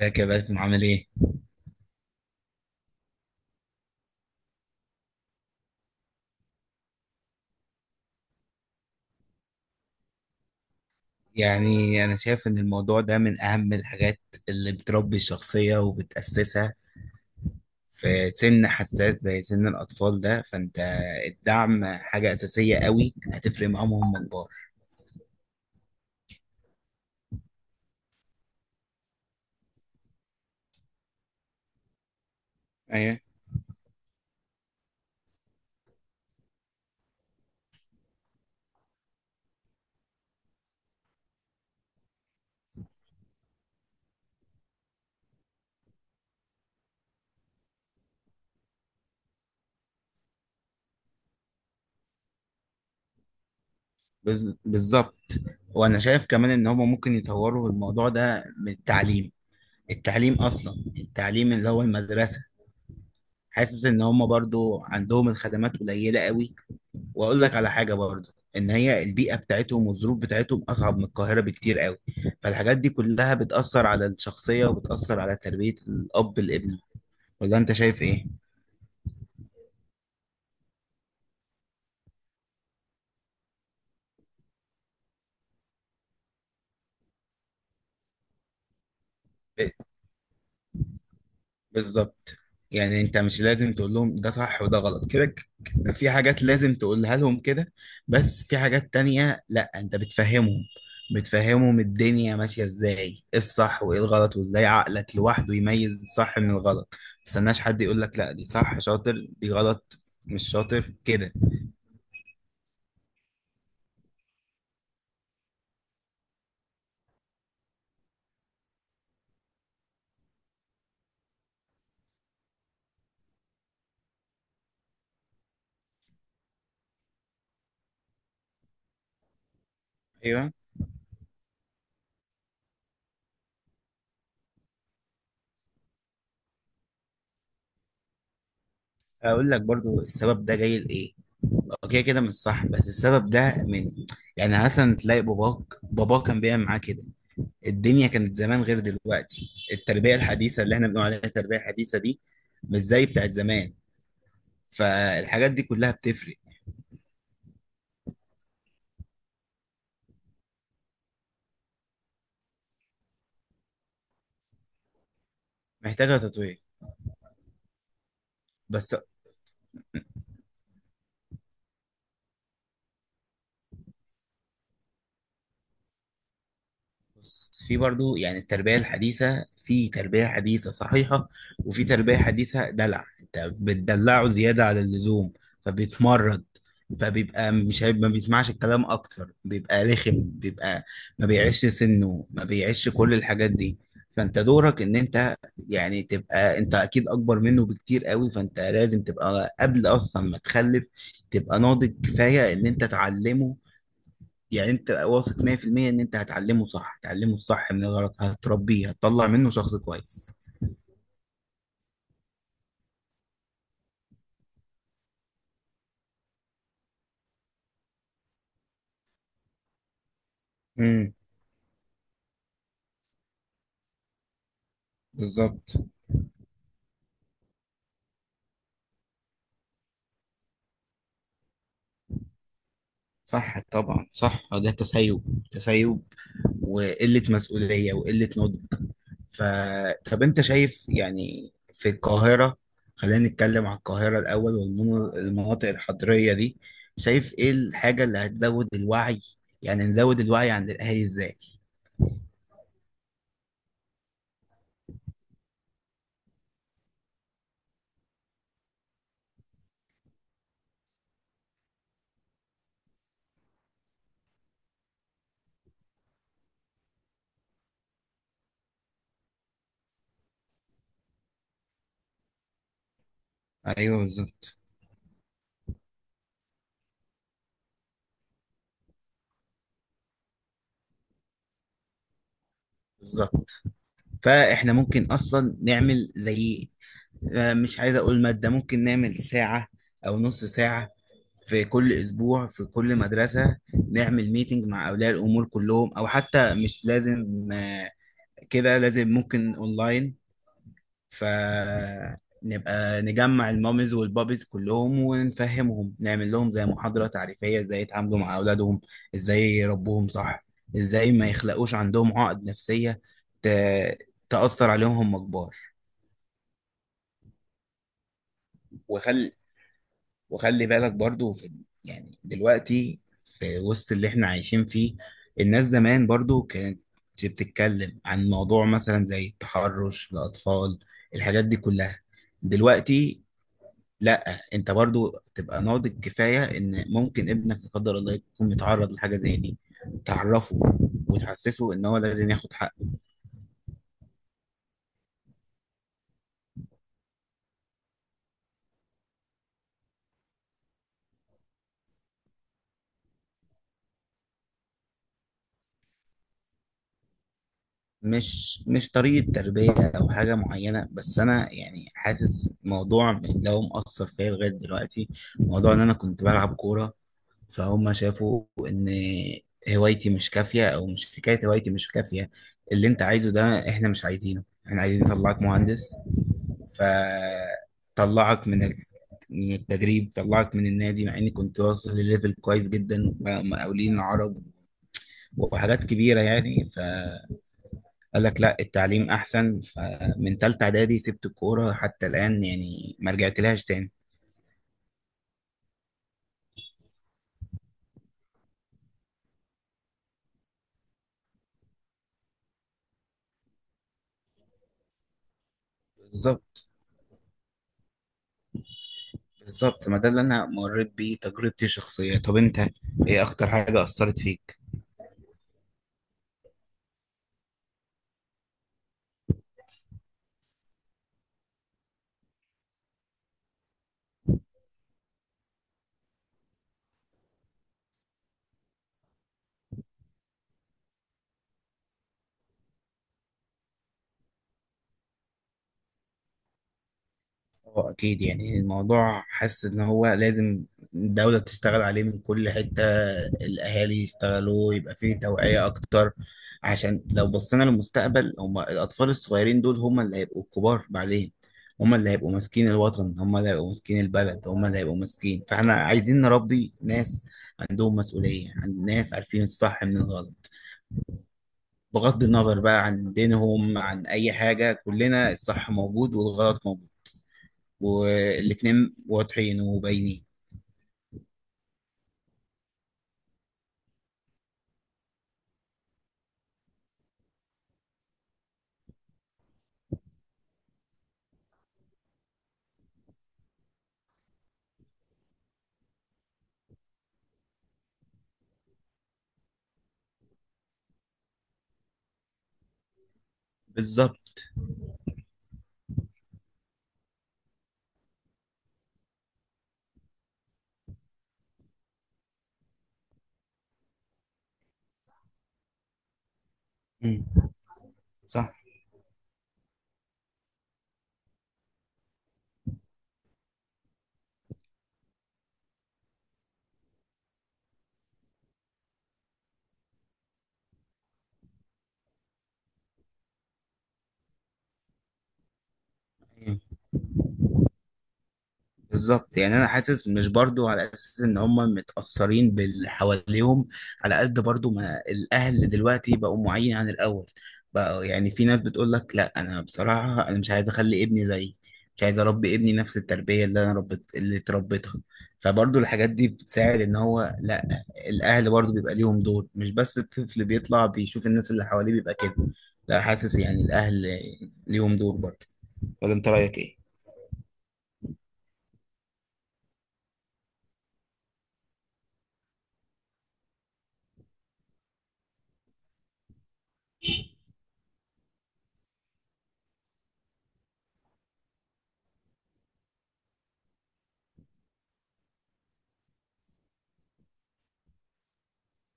ازيك يا باسم؟ عامل ايه؟ يعني انا شايف ان الموضوع ده من اهم الحاجات اللي بتربي الشخصية وبتأسسها في سن حساس زي سن الاطفال ده. فانت الدعم حاجة اساسية قوي، هتفرق معاهم وهم كبار. ايه. بالظبط. وانا شايف كمان ان هما ممكن يطوروا الموضوع ده من التعليم. التعليم اصلا، التعليم اللي هو المدرسة، حاسس ان هما برضو عندهم الخدمات قليلة قوي. واقول لك على حاجه برضه، ان هي البيئه بتاعتهم والظروف بتاعتهم اصعب من القاهره بكتير قوي، فالحاجات دي كلها بتاثر على الشخصيه وبتاثر على تربيه الاب الابن. ولا انت شايف ايه؟ بالظبط. يعني انت مش لازم تقول لهم ده صح وده غلط كده، في حاجات لازم تقولها لهم كده، بس في حاجات تانية لا انت بتفهمهم الدنيا ماشية ازاي، ايه الصح وايه الغلط، وازاي عقلك لوحده يميز الصح من الغلط. ما تستناش حد يقول لك لا دي صح شاطر دي غلط مش شاطر كده. ايوه. اقول لك برضو السبب ده جاي لايه. اوكي كده مش صح، بس السبب ده من، يعني مثلا تلاقي باباك كان بيعمل معاه كده. الدنيا كانت زمان غير دلوقتي، التربية الحديثة اللي احنا بنقول عليها التربية الحديثة دي مش زي بتاعت زمان، فالحاجات دي كلها بتفرق. محتاجة تطوير. بس بص، في برضو يعني التربية الحديثة، في تربية حديثة صحيحة وفي تربية حديثة دلع، انت بتدلعه زيادة على اللزوم فبيتمرد، فبيبقى مش هيبقى ما بيسمعش الكلام، اكتر بيبقى رخم، بيبقى ما بيعيش سنه، ما بيعيش كل الحاجات دي. فانت دورك ان انت، يعني تبقى انت اكيد اكبر منه بكتير قوي، فانت لازم تبقى قبل اصلا ما تخلف تبقى ناضج كفاية ان انت تعلمه. يعني انت واثق 100% ان انت هتعلمه صح، هتعلمه الصح من الغلط، هتربيه، هتطلع منه شخص كويس. امم بالظبط. صح طبعا، صح. ده تسيب، تسيب وقلة مسؤولية وقلة نضج. ف، طب انت شايف يعني في القاهرة، خلينا نتكلم عن القاهرة الأول والمناطق الحضرية دي، شايف ايه الحاجة اللي هتزود الوعي؟ يعني نزود الوعي عند الأهالي ازاي؟ ايوه بالظبط. بالظبط. فاحنا ممكن اصلا نعمل زي، مش عايز اقول مادة، ممكن نعمل ساعة او نص ساعة في كل اسبوع في كل مدرسة، نعمل ميتنج مع اولياء الامور كلهم، او حتى مش لازم كده لازم، ممكن اونلاين. فنبقى نجمع المامز والبابيز كلهم ونفهمهم، نعمل لهم زي محاضرة تعريفية ازاي يتعاملوا مع اولادهم، ازاي يربوهم صح، ازاي ما يخلقوش عندهم عقد نفسية ت- تأثر عليهم هم كبار. ويخلي، وخلي بالك برضو في، يعني دلوقتي في وسط اللي احنا عايشين فيه، الناس زمان برضو كانت بتتكلم عن موضوع مثلا زي التحرش الأطفال، الحاجات دي كلها دلوقتي لا، انت برضو تبقى ناضج كفاية ان ممكن ابنك لا قدر الله يكون متعرض لحاجة زي دي، تعرفه وتحسسه ان هو لازم ياخد حقه. مش طريقة تربية أو حاجة معينة، بس أنا يعني حاسس موضوع اللي هو مأثر فيا لغاية دلوقتي، موضوع إن أنا كنت بلعب كورة، فهم شافوا إن هوايتي مش كافية، أو مش حكاية هوايتي مش كافية، اللي أنت عايزه ده إحنا مش عايزينه، إحنا عايزين نطلعك مهندس. فطلعك من من التدريب، طلعك من النادي، مع إني كنت واصل لليفل كويس جدا، مقاولين عرب وحاجات كبيرة يعني. قال لك لا التعليم احسن، فمن تالتة اعدادي سبت الكورة حتى الان يعني، ما رجعت لهاش تاني. بالظبط. بالظبط، ما ده اللي انا مريت بيه تجربتي الشخصية. طب انت ايه اكتر حاجة اثرت فيك؟ اه اكيد. يعني الموضوع حاسس ان هو لازم الدولة تشتغل عليه من كل حتة، الاهالي يشتغلوا، يبقى فيه توعية اكتر، عشان لو بصينا للمستقبل هما الاطفال الصغيرين دول هما اللي هيبقوا الكبار بعدين، هما اللي هيبقوا ماسكين الوطن، هما اللي هيبقوا ماسكين البلد، هما اللي هيبقوا ماسكين. فاحنا عايزين نربي ناس عندهم مسؤولية، عند ناس عارفين الصح من الغلط، بغض النظر بقى عن دينهم عن اي حاجة، كلنا الصح موجود والغلط موجود والاتنين واضحين وباينين. بالظبط. مم. صح. بالظبط. يعني انا حاسس مش برضو على اساس ان هم متاثرين باللي حواليهم، على قد برضو ما الاهل دلوقتي بقوا معين عن الاول. بقى يعني في ناس بتقول لك لا انا بصراحه انا مش عايز اخلي ابني زيي، مش عايز اربي ابني نفس التربيه اللي انا ربت اللي اتربيتها. فبرضو الحاجات دي بتساعد ان هو لا، الاهل برضو بيبقى ليهم دور، مش بس الطفل بيطلع بيشوف الناس اللي حواليه بيبقى كده، لا، حاسس يعني الاهل ليهم دور برضو. ولا انت رايك ايه؟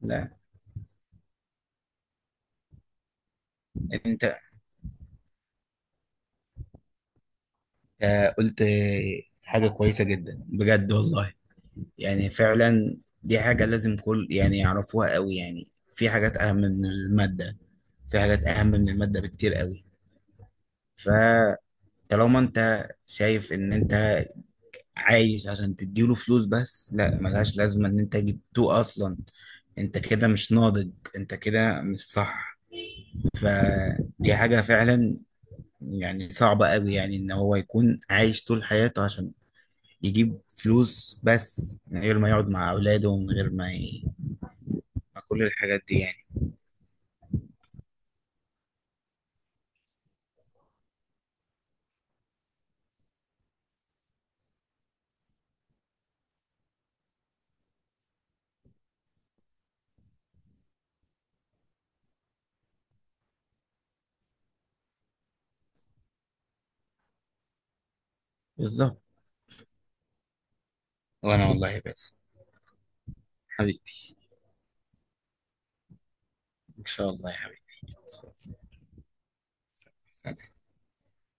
لا انت قلت حاجة كويسة جدا بجد والله، يعني فعلا دي حاجة لازم كل يعني يعرفوها قوي، يعني في حاجات أهم من المادة، في حاجات أهم من المادة بكتير قوي. فطالما أنت شايف إن أنت عايش عشان تديله فلوس بس، لا، ملهاش لازمة إن أنت جبتوه أصلا. أنت كده مش ناضج، أنت كده مش صح. فدي حاجة فعلا يعني صعبة قوي، يعني إن هو يكون عايش طول حياته عشان يجيب فلوس بس، من غير ما يقعد مع أولاده، ومن غير ما مع كل الحاجات دي يعني. بالظبط. وأنا والله بس، حبيبي، إن شاء الله يا حبيبي.